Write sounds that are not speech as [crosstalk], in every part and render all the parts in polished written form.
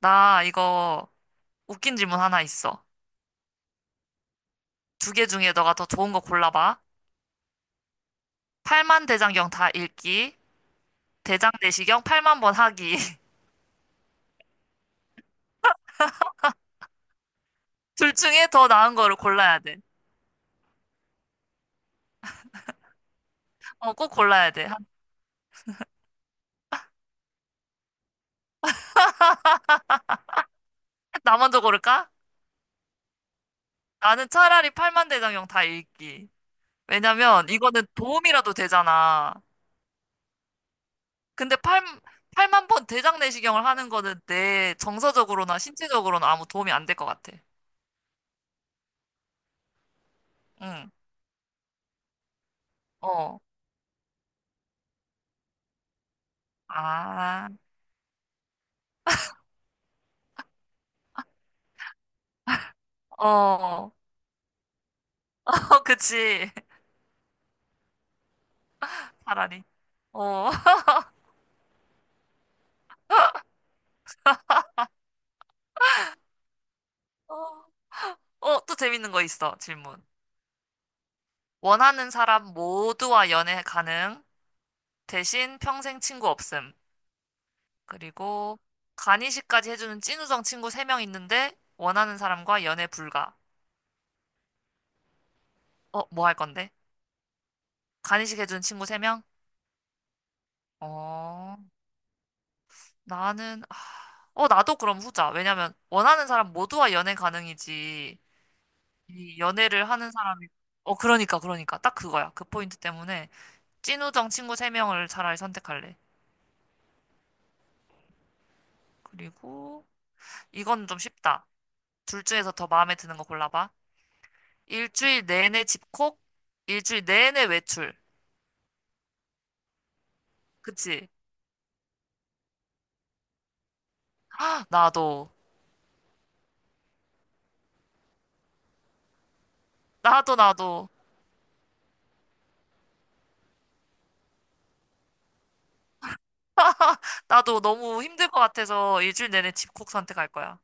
나 이거 웃긴 질문 하나 있어. 두 개 중에 너가 더 좋은 거 골라봐. 8만 대장경 다 읽기, 대장 내시경 8만 번 하기. [laughs] 둘 중에 더 나은 거를 골라야 돼. 어, 꼭 골라야 돼. 나 먼저 고를까? 나는 차라리 8만 대장경 다 읽기. 왜냐면 이거는 도움이라도 되잖아. 근데 8만 번 대장 내시경을 하는 거는 내 정서적으로나 신체적으로는 아무 도움이 안 될 것 같아. 응. 어. 아. 어. [laughs] 어, 그치. 차라리. 어. [laughs] 어, 어, 또 재밌는 거 있어, 질문. 원하는 사람 모두와 연애 가능, 대신 평생 친구 없음. 그리고 간이식까지 해주는 찐우정 친구 3명 있는데, 원하는 사람과 연애 불가. 어, 뭐 할 건데? 간이식 해주는 친구 3명? 어, 나는, 아, 나도 그럼 후자. 왜냐면, 원하는 사람 모두와 연애 가능이지. 이 연애를 하는 사람이, 어, 그러니까. 딱 그거야. 그 포인트 때문에. 찐우정 친구 3명을 차라리 선택할래. 그리고 이건 좀 쉽다. 둘 중에서 더 마음에 드는 거 골라봐. 일주일 내내 집콕, 일주일 내내 외출. 그치? 나도. 나도, 나도. 나도 너무 힘들 것 같아서 일주일 내내 집콕 선택할 거야.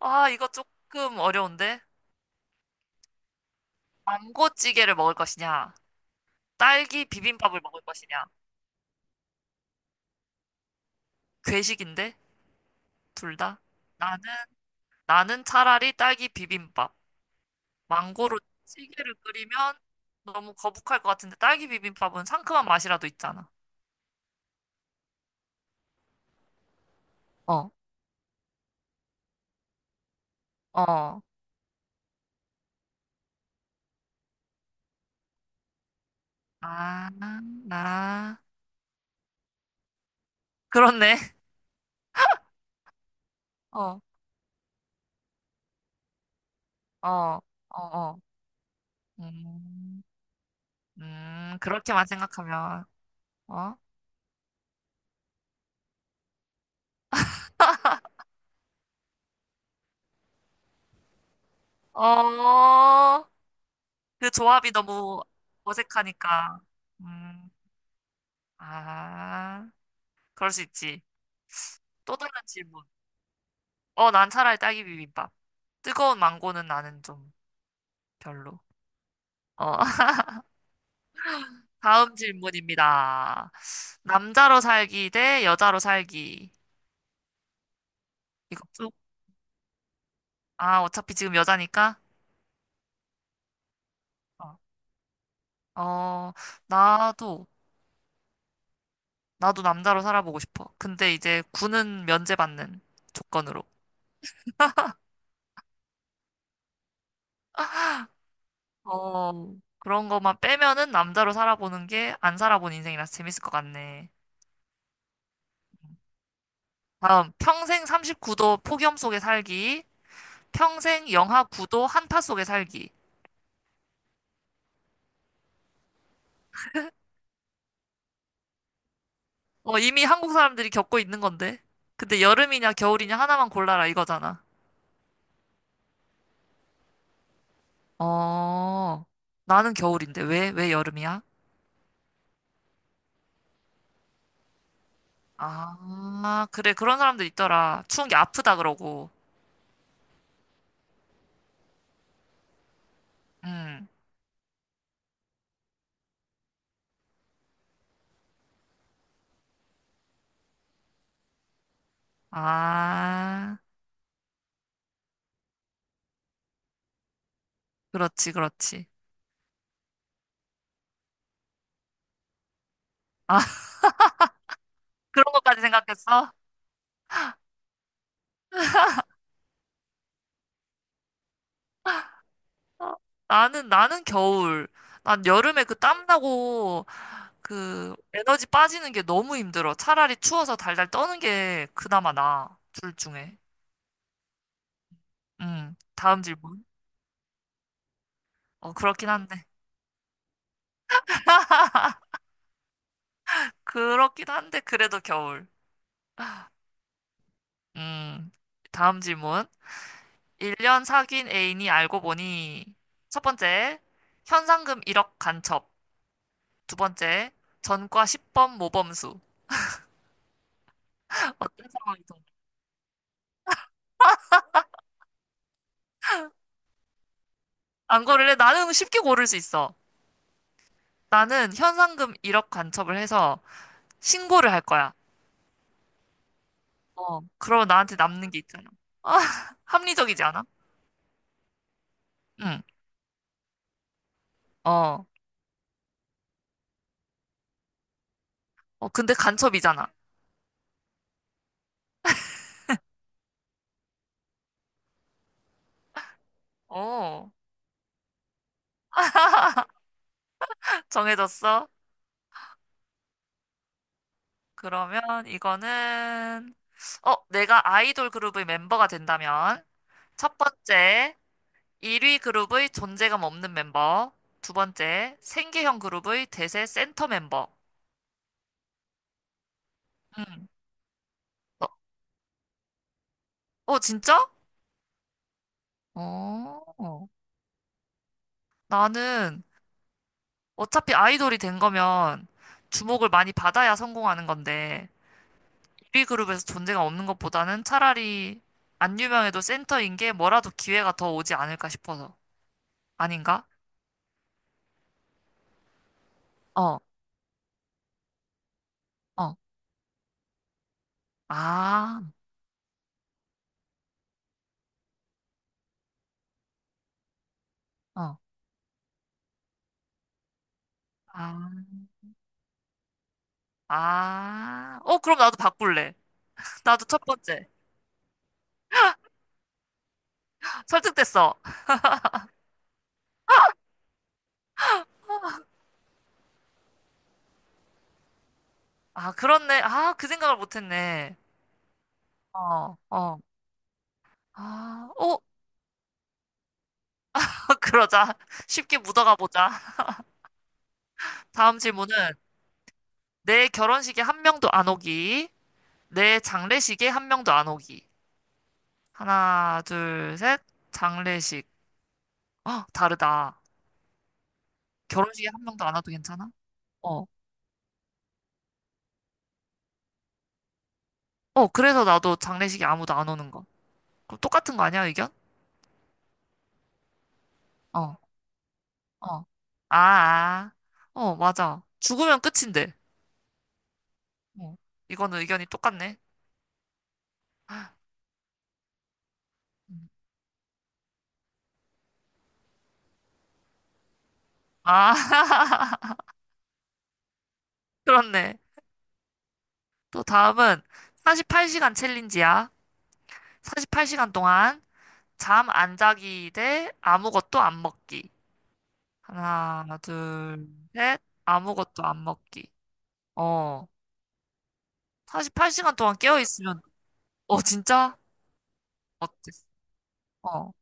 아, 이거 조금 어려운데? 망고찌개를 먹을 것이냐? 딸기 비빔밥을 먹을 것이냐? 괴식인데? 둘 다? 나는, 나는 차라리 딸기 비빔밥. 망고로 찌개를 끓이면 너무 거북할 것 같은데 딸기 비빔밥은 상큼한 맛이라도 있잖아. 어, 어, 아, 나. 그렇네. [laughs] 어, 어, 어, 어. 음, 그렇게만 생각하면, 어? 어, 그 조합이 너무 어색하니까. 음, 아, 그럴 수 있지. 또 다른 질문. 어, 난 차라리 딸기 비빔밥. 뜨거운 망고는 나는 좀 별로. 어, 다음 질문입니다. 남자로 살기 대 여자로 살기. 이거 쭉. 아, 어차피 지금 여자니까. 어, 어, 나도, 나도 남자로 살아보고 싶어. 근데 이제 군은 면제받는 조건으로. 어, 그런 것만 빼면은 남자로 살아보는 게 안 살아본 인생이라서 재밌을 것 같네. 다음, 평생 39도 폭염 속에 살기, 평생 영하 9도 한파 속에 살기. 어, 이미 한국 사람들이 겪고 있는 건데. 근데 여름이냐 겨울이냐 하나만 골라라 이거잖아. 어, 나는 겨울인데 왜 여름이야? 아, 그래. 그런 사람들 있더라. 추운 게 아프다 그러고. 음. 아, 그렇지, 그렇지. 아, [laughs] 그런 것까지 생각했어? 어, 나는 겨울. 난 여름에 그 땀나고 그 에너지 빠지는 게 너무 힘들어. 차라리 추워서 달달 떠는 게 그나마 나아. 둘 중에. 음. 다음 질문. 어, 그렇긴 한데. 그렇긴 한데, 그래도 겨울. 음, 다음 질문. 1년 사귄 애인이 알고 보니, 첫 번째, 현상금 1억 간첩. 두 번째, 전과 10범 모범수. [laughs] 어떤 상황이 더? 안 고를래? 나는 쉽게 고를 수 있어. 나는 현상금 1억 간첩을 해서 신고를 할 거야. 어, 그러면 나한테 남는 게 있잖아. 아, [laughs] 합리적이지 않아? 응, 어. 어, 근데 간첩이잖아. 어, [laughs] 정해졌어? 그러면 이거는, 내가 아이돌 그룹의 멤버가 된다면, 첫 번째, 1위 그룹의 존재감 없는 멤버. 두 번째, 생계형 그룹의 대세 센터 멤버. 음. 어, 어, 진짜? 어, 나는 어차피 아이돌이 된 거면 주목을 많이 받아야 성공하는 건데, 1위 그룹에서 존재감 없는 것보다는 차라리 안 유명해도 센터인 게 뭐라도 기회가 더 오지 않을까 싶어서. 아닌가? 어. 어. 아, 어. 아, 아. 어, 그럼 나도 바꿀래. 나도 첫 번째. 설득됐어. 아, 그렇네. 아, 그 생각을 못했네. 어, 어. 아, 어, [laughs] 그러자. 쉽게 묻어가 보자. 다음 질문은 내 결혼식에 한 명도 안 오기. 내 장례식에 한 명도 안 오기. 하나, 둘, 셋. 장례식. 어, 다르다. 결혼식에 한 명도 안 와도 괜찮아? 어. 어, 그래서 나도 장례식에 아무도 안 오는 거. 그럼 똑같은 거 아니야, 의견? 어 어. 아, 아. 어, 맞아. 죽으면 끝인데. 어. 이거는 의견이 똑같네. 음. 아, [laughs] 그렇네. 또 다음은 48시간 챌린지야. 48시간 동안 잠 안 자기 대 아무것도 안 먹기. 하나, 둘, 셋. 아무것도 안 먹기. 어. 48시간 동안 깨어 있으면 어, 진짜? 어땠어? 어.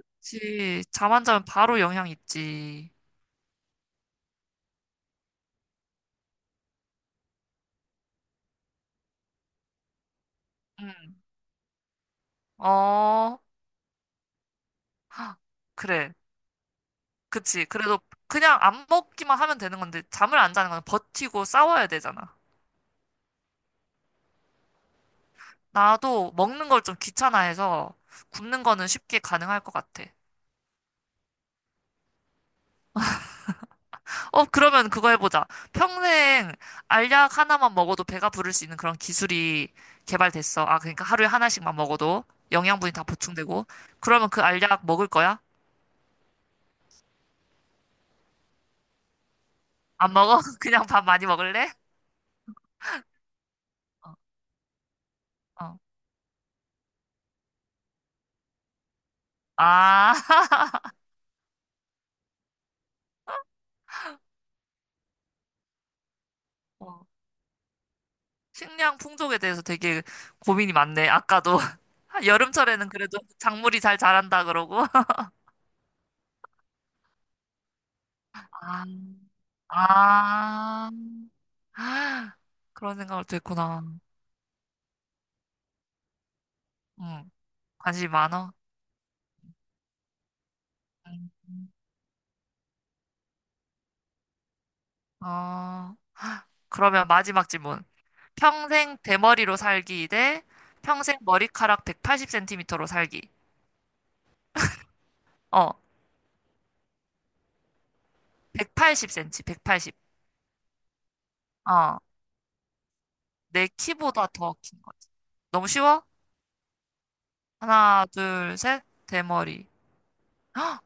그치. 잠안 자면 바로 영향 있지. 응. 어, 그래. 그치. 그래도 그냥 안 먹기만 하면 되는 건데, 잠을 안 자는 건 버티고 싸워야 되잖아. 나도 먹는 걸 좀 귀찮아해서 굶는 거는 쉽게 가능할 것 같아. 어, 그러면 그거 해보자. 평생 알약 하나만 먹어도 배가 부를 수 있는 그런 기술이 개발됐어. 아, 그러니까 하루에 하나씩만 먹어도 영양분이 다 보충되고. 그러면 그 알약 먹을 거야? 안 먹어? [laughs] 그냥 밥 많이 먹을래? 어, 어. 아, [laughs] 어. 식량 풍족에 대해서 되게 고민이 많네. 아까도. [laughs] 아, 여름철에는 그래도 작물이 잘 자란다 그러고. [laughs] 아, 아, [gasps] 아, 그런 생각을 또 했구나. 응, 관심이 많아. 음. 어, 그러면 마지막 질문. 평생 대머리로 살기 대 평생 머리카락 180cm로 살기. 어, 180cm, 180. 어, 내 키보다 더 긴 거지. 너무 쉬워? 하나, 둘, 셋. 대머리. [gasps] 헉!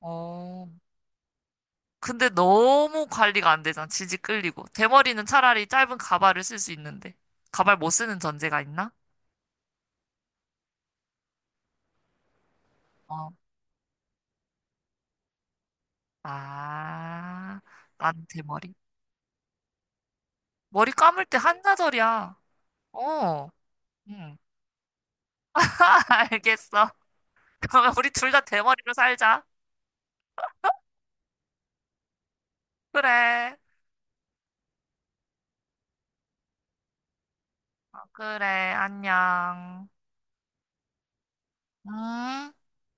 어, 근데 너무 관리가 안 되잖아. 지지 끌리고. 대머리는 차라리 짧은 가발을 쓸 수 있는데. 가발 못 쓰는 전제가 있나? 어. 아, 난 대머리. 머리 감을 때 한나절이야. 어. 응. [laughs] 알겠어. 그러면 우리 둘 다 대머리로 살자. 그래. 어, 그래. 안녕. 음.